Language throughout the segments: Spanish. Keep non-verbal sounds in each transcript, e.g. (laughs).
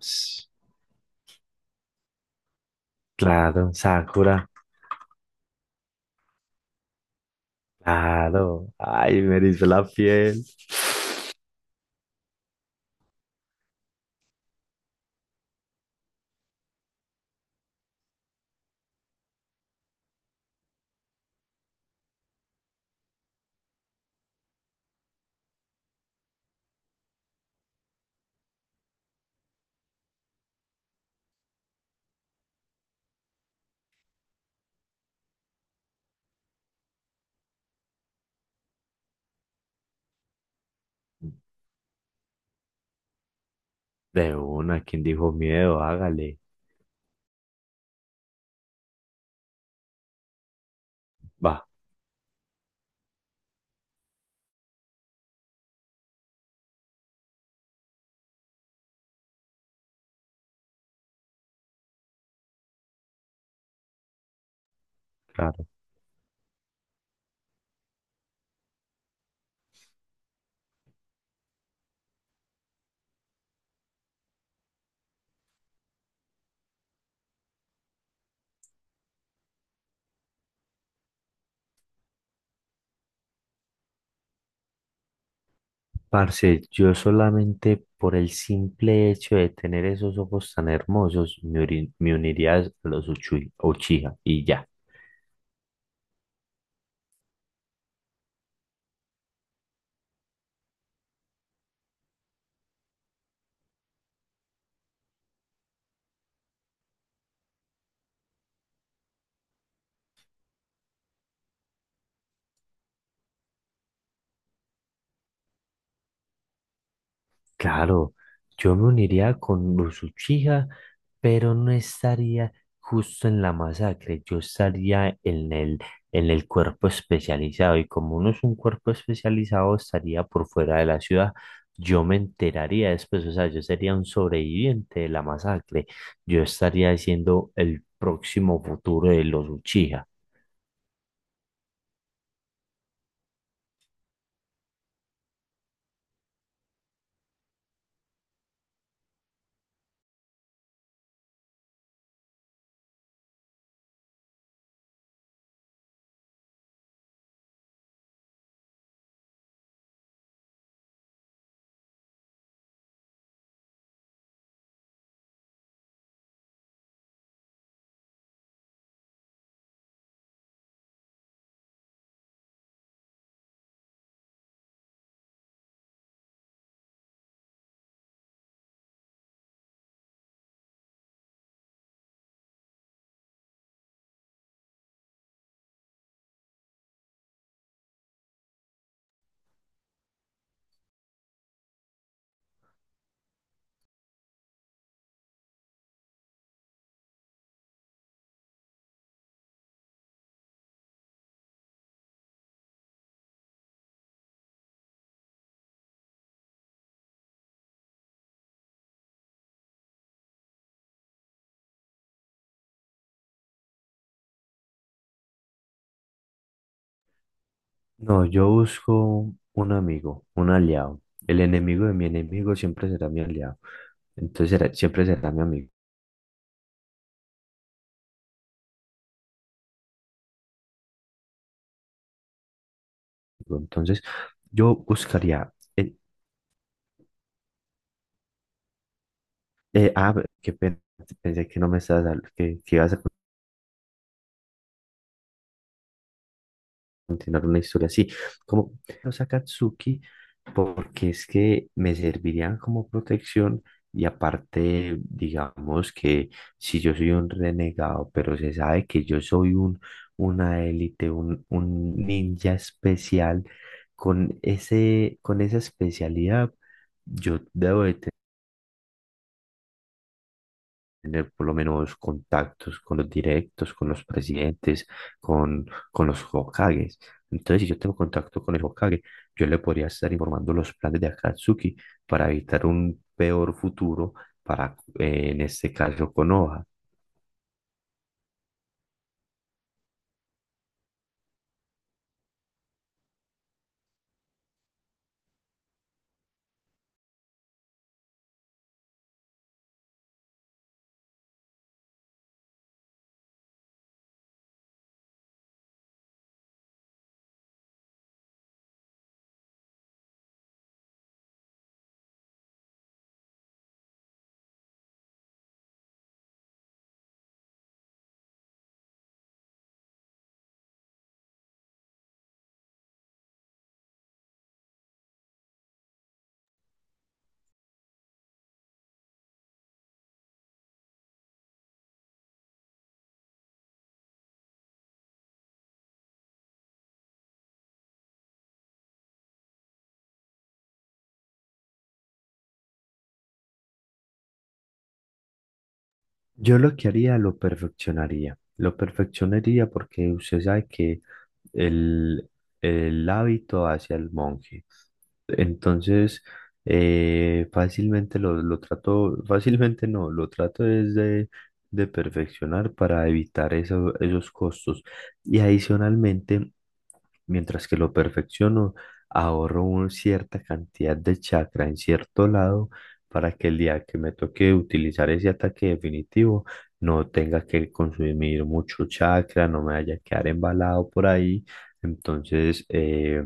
Ps, claro, Sakura, claro. Ay, me erizó la piel. De una, quien dijo miedo? Hágale. Va, claro. Parce, yo solamente por el simple hecho de tener esos ojos tan hermosos, me uniría a los Uchiha y ya. Claro, yo me uniría con los Uchiha, pero no estaría justo en la masacre, yo estaría en el cuerpo especializado y como no es un cuerpo especializado, estaría por fuera de la ciudad. Yo me enteraría después, o sea, yo sería un sobreviviente de la masacre, yo estaría siendo el próximo futuro de los Uchiha. No, yo busco un amigo, un aliado. El enemigo de mi enemigo siempre será mi aliado. Siempre será mi amigo. Entonces yo buscaría... eh, eh, ah, qué pena, pensé que no me estabas, que ibas a continuar una historia así, como los Akatsuki, porque es que me servirían como protección y aparte, digamos que si yo soy un renegado, pero se sabe que yo soy una élite, un ninja especial, con esa especialidad, yo debo de tener por lo menos contactos con los directos, con los presidentes, con, con los Hokages. Entonces, si yo tengo contacto con el Hokage, yo le podría estar informando los planes de Akatsuki para evitar un peor futuro para, en este caso, Konoha. Yo lo que haría, lo perfeccionaría. Lo perfeccionaría porque usted sabe que el, el hábito hacia el monje. Entonces, fácilmente lo trato, fácilmente no, lo trato es de perfeccionar para evitar esos costos. Y adicionalmente, mientras que lo perfecciono, ahorro una cierta cantidad de chakra en cierto lado para que el día que me toque utilizar ese ataque definitivo, no tenga que consumir mucho chakra, no me vaya a quedar embalado por ahí. Entonces,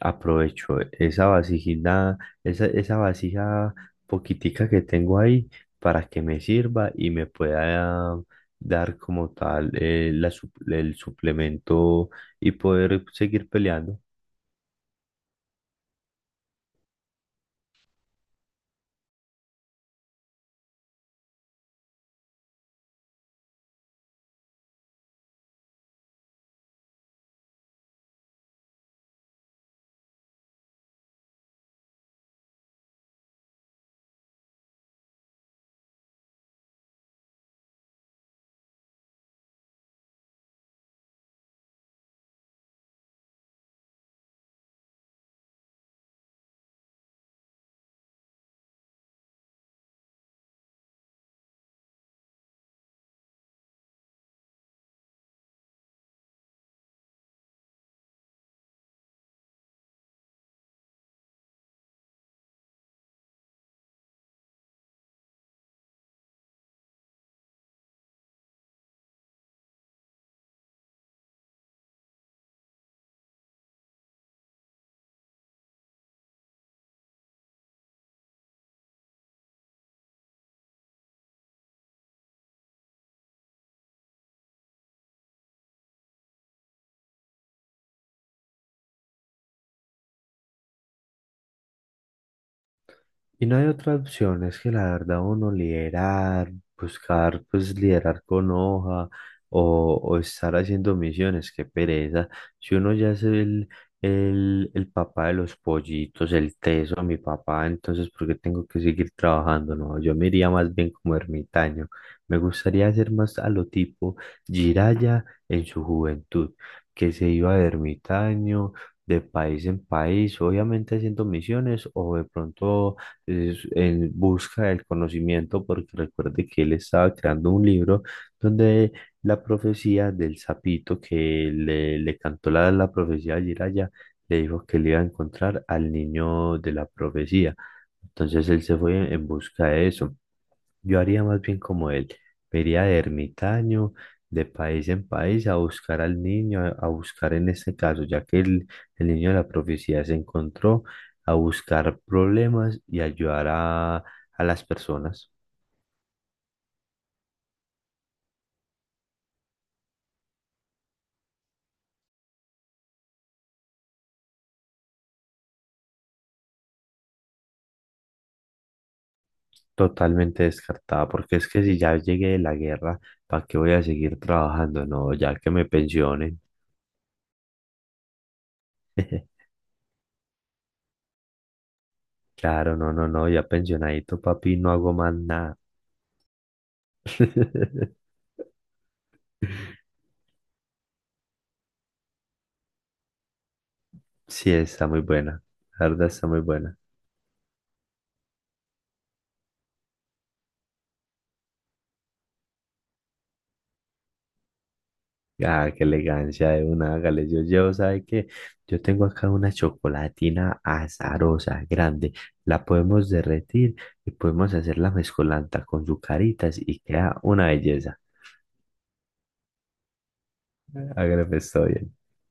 aprovecho esa vasijita, esa vasija poquitica que tengo ahí para que me sirva y me pueda dar como tal, el suplemento y poder seguir peleando. Y no hay otra opción, es que la verdad uno liderar, buscar pues liderar con hoja o estar haciendo misiones, qué pereza. Si uno ya es el papá de los pollitos, el teso, mi papá, entonces ¿por qué tengo que seguir trabajando? No, yo me iría más bien como ermitaño. Me gustaría hacer más a lo tipo Jiraya en su juventud, que se iba de ermitaño, de país en país, obviamente haciendo misiones o de pronto en busca del conocimiento, porque recuerde que él estaba creando un libro donde la profecía del sapito que le cantó la profecía de Jiraya, le dijo que le iba a encontrar al niño de la profecía. Entonces él se fue en busca de eso. Yo haría más bien como él, me iría de ermitaño, de país en país, a buscar al niño, a buscar en este caso, ya que el niño de la profecía se encontró, a buscar problemas y ayudar a las personas. Totalmente descartada, porque es que si ya llegué de la guerra, ¿para qué voy a seguir trabajando? No, ya que me pensionen. Claro, no, no, no, ya pensionadito, papi, no hago más nada. (laughs) Sí, está muy buena. La verdad está muy buena. Ah, qué elegancia de una, hágale. Yo llevo, ¿sabe qué? Yo tengo acá una chocolatina azarosa, grande. La podemos derretir y podemos hacer la mezcolanta con sucaritas y queda una belleza. Hágale, pues, todo bien.